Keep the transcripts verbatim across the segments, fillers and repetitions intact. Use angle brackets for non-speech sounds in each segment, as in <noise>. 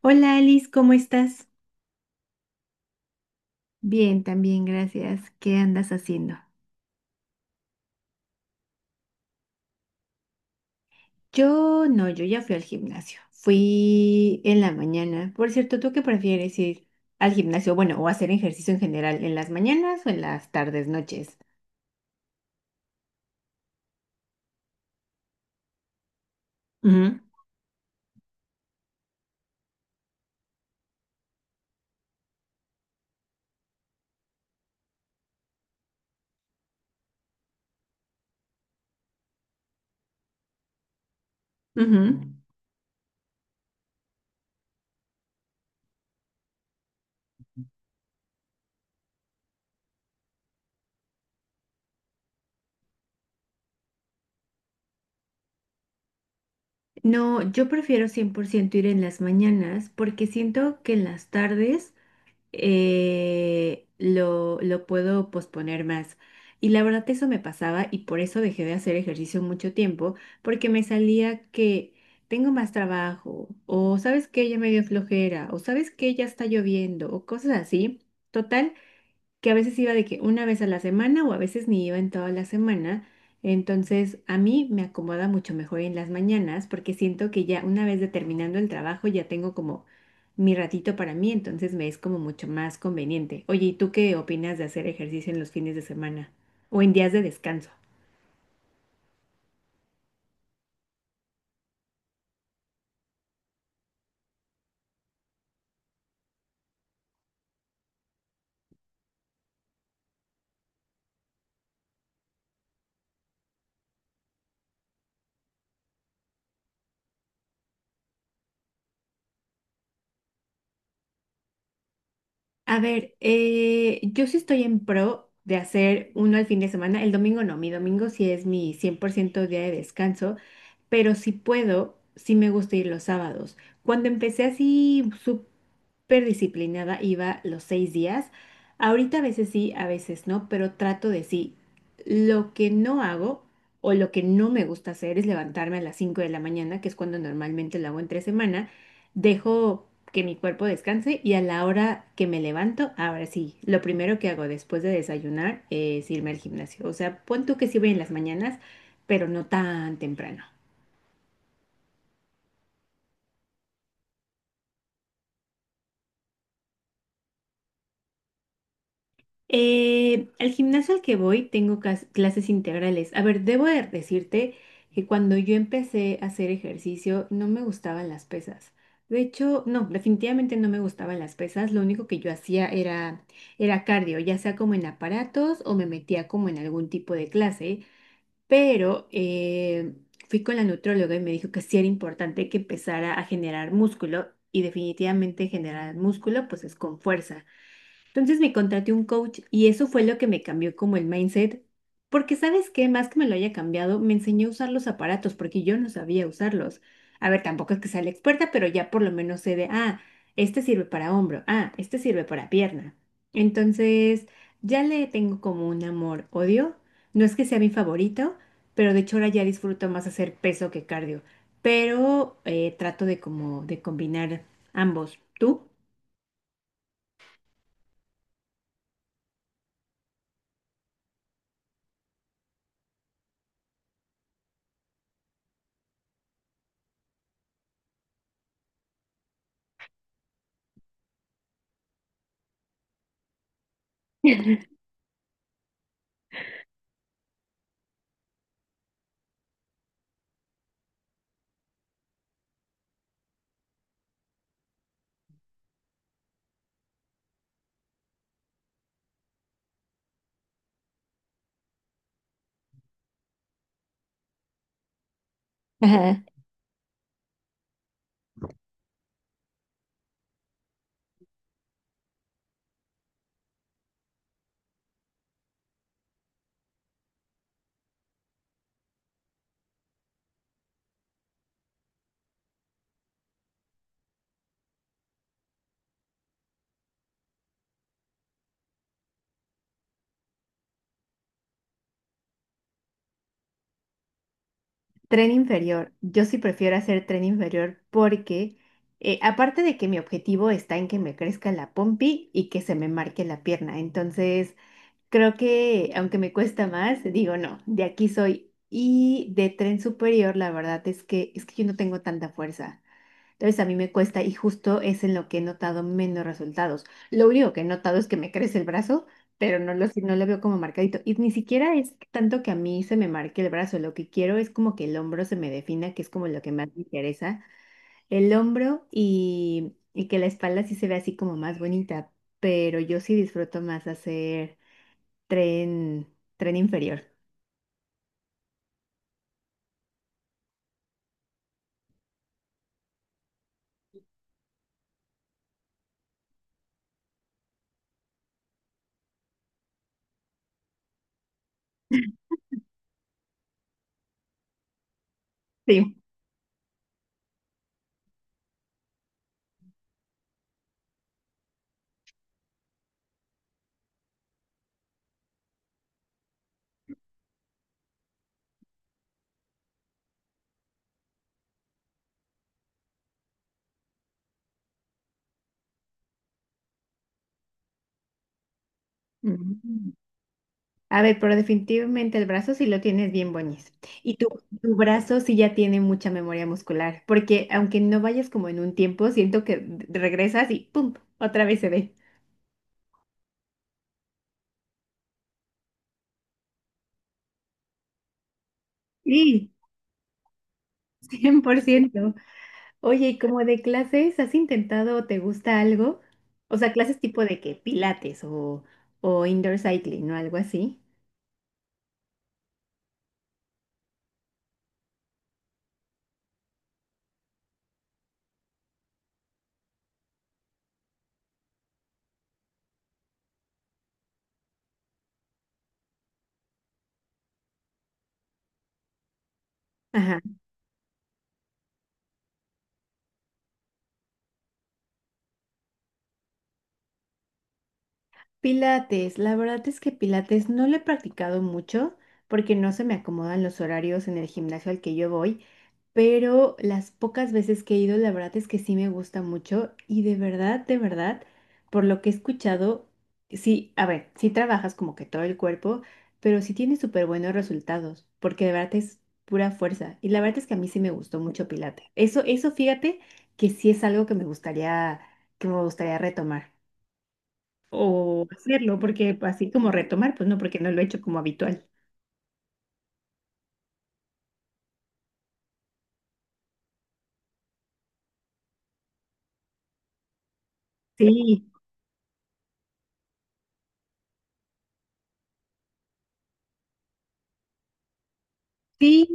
Hola Alice, ¿cómo estás? Bien, también, gracias. ¿Qué andas haciendo? Yo no, yo ya fui al gimnasio. Fui en la mañana. Por cierto, ¿tú qué prefieres ir al gimnasio? Bueno, o hacer ejercicio en general, ¿en las mañanas o en las tardes, noches? Ujú, ujú. No, yo prefiero cien por ciento ir en las mañanas porque siento que en las tardes eh, lo, lo puedo posponer más. Y la verdad eso me pasaba y por eso dejé de hacer ejercicio mucho tiempo, porque me salía que tengo más trabajo, o sabes que ya me dio flojera, o sabes que ya está lloviendo, o cosas así. Total que a veces iba de que una vez a la semana o a veces ni iba en toda la semana. Entonces, a mí me acomoda mucho mejor en las mañanas porque siento que ya una vez de terminando el trabajo ya tengo como mi ratito para mí, entonces me es como mucho más conveniente. Oye, ¿y tú qué opinas de hacer ejercicio en los fines de semana o en días de descanso? A ver, eh, yo sí estoy en pro de hacer uno al fin de semana. El domingo no, mi domingo sí es mi cien por ciento día de descanso. pero si puedo, sí me gusta ir los sábados. Cuando empecé así súper disciplinada, iba los seis días. Ahorita a veces sí, a veces no, pero trato de sí. Lo que no hago o lo que no me gusta hacer es levantarme a las cinco de la mañana, que es cuando normalmente lo hago entre semana. Dejo que mi cuerpo descanse y a la hora que me levanto, ahora sí, lo primero que hago después de desayunar es irme al gimnasio. O sea, pon tú que sí voy en las mañanas, pero no tan temprano. Eh, al gimnasio al que voy tengo cas- clases integrales. A ver, debo de decirte que cuando yo empecé a hacer ejercicio no me gustaban las pesas. De hecho, no, definitivamente no me gustaban las pesas. Lo único que yo hacía era, era cardio, ya sea como en aparatos o me metía como en algún tipo de clase. Pero eh, fui con la nutróloga y me dijo que sí era importante que empezara a generar músculo y definitivamente generar músculo pues es con fuerza. Entonces me contraté un coach y eso fue lo que me cambió como el mindset, porque sabes qué, más que me lo haya cambiado, me enseñó a usar los aparatos porque yo no sabía usarlos. A ver, tampoco es que sea la experta, pero ya por lo menos sé de, ah, este sirve para hombro, ah, este sirve para pierna. Entonces, ya le tengo como un amor-odio. No es que sea mi favorito, pero de hecho ahora ya disfruto más hacer peso que cardio, pero eh, trato de como de combinar ambos. ¿Tú? <laughs> Tren inferior. Yo sí prefiero hacer tren inferior porque, eh, aparte de que mi objetivo está en que me crezca la pompi y que se me marque la pierna. Entonces, creo que aunque me cuesta más, digo no, de aquí soy. Y de tren superior, la verdad es que es que yo no tengo tanta fuerza. Entonces a mí me cuesta y justo es en lo que he notado menos resultados. Lo único que he notado es que me crece el brazo, pero no lo, si- no lo veo como marcadito. Y ni siquiera es tanto que a mí se me marque el brazo. Lo que quiero es como que el hombro se me defina, que es como lo que más me interesa. El hombro y, y que la espalda sí se ve así como más bonita. Pero yo sí disfruto más hacer tren, tren inferior. <laughs> Sí. Ujú. A ver, pero definitivamente el brazo sí lo tienes bien boñez. Y tu, tu brazo sí ya tiene mucha memoria muscular, porque aunque no vayas como en un tiempo, siento que d- regresas y ¡pum! Otra vez se ve. Sí, cien por ciento. Oye, ¿y como de clases has intentado o te gusta algo? O sea, clases tipo de que pilates o, o indoor cycling o algo así. Pilates, la verdad es que Pilates no lo he practicado mucho porque no se me acomodan los horarios en el gimnasio al que yo voy, pero las pocas veces que he ido, la verdad es que sí me gusta mucho y de verdad, de verdad, por lo que he escuchado, sí, a ver, sí trabajas como que todo el cuerpo, pero sí tienes súper buenos resultados porque de verdad es pura fuerza y la verdad es que a mí sí me gustó mucho Pilates. Eso, eso fíjate que sí es algo que me gustaría, que me gustaría retomar o hacerlo, porque así como retomar, pues no, porque no lo he hecho como habitual. Sí, sí.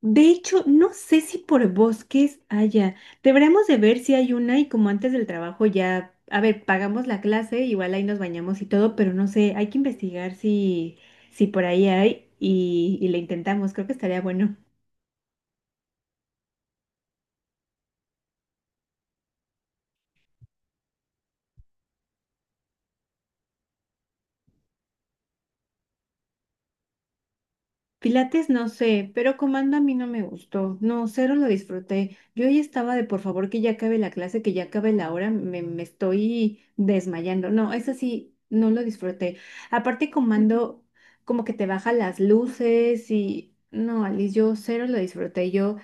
De hecho, no sé si por bosques haya. Deberíamos de ver si hay una y como antes del trabajo ya, a ver, pagamos la clase, igual ahí nos bañamos y todo, pero no sé, hay que investigar si, si por ahí hay y, y le intentamos, creo que estaría bueno. Pilates no sé, pero comando a mí no me gustó. No, cero lo disfruté. Yo ahí estaba de por favor que ya acabe la clase, que ya acabe la hora, me, me estoy desmayando. No, eso sí, no lo disfruté. Aparte comando como que te baja las luces y no, Alice, yo cero lo disfruté. Yo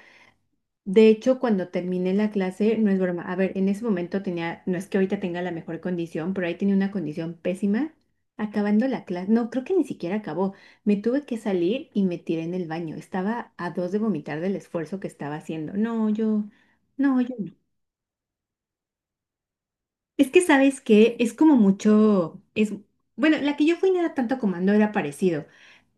de hecho, cuando terminé la clase, no es broma, a ver, en ese momento tenía, no es que ahorita tenga la mejor condición, pero ahí tenía una condición pésima. Acabando la clase, no, creo que ni siquiera acabó. Me tuve que salir y me tiré en el baño. Estaba a dos de vomitar del esfuerzo que estaba haciendo. No, yo, no, yo. Es que sabes que es como mucho, es, bueno, la que yo fui no era tanto comando, era parecido,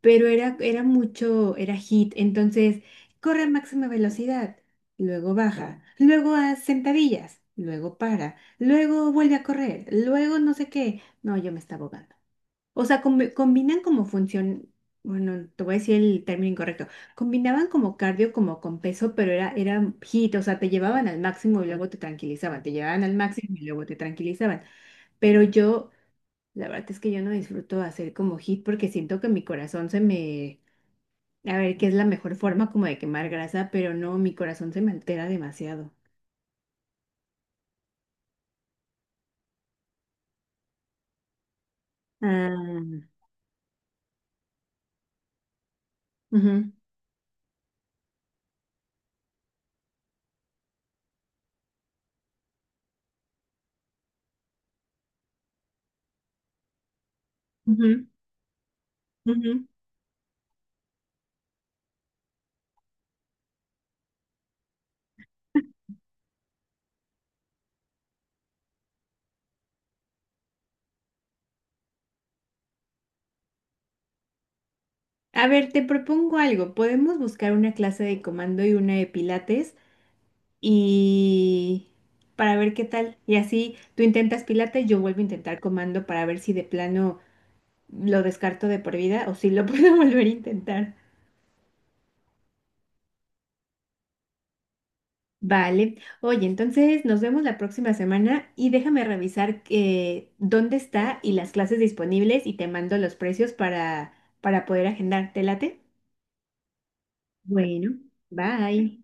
pero era, era mucho, era hit, entonces corre a máxima velocidad, luego baja, luego haz sentadillas, luego para, luego vuelve a correr, luego no sé qué. No, yo me estaba ahogando. O sea, combi- combinan como función, bueno, te voy a decir el término incorrecto, combinaban como cardio como con peso, pero era, era hit, o sea, te llevaban al máximo y luego te tranquilizaban, te llevaban al máximo y luego te tranquilizaban. Pero yo, la verdad es que yo no disfruto hacer como hit porque siento que mi corazón se me, a ver, que es la mejor forma como de quemar grasa, pero no, mi corazón se me altera demasiado. Ah, ujú, ujú, ujú. A ver, te propongo algo. Podemos buscar una clase de comando y una de pilates y para ver qué tal. Y así tú intentas Pilates, yo vuelvo a intentar comando para ver si de plano lo descarto de por vida o si lo <laughs> puedo volver a intentar. Vale. Oye, entonces nos vemos la próxima semana y déjame revisar eh, dónde está y las clases disponibles y te mando los precios para, para poder agendar. ¿Te late? Bueno, bye.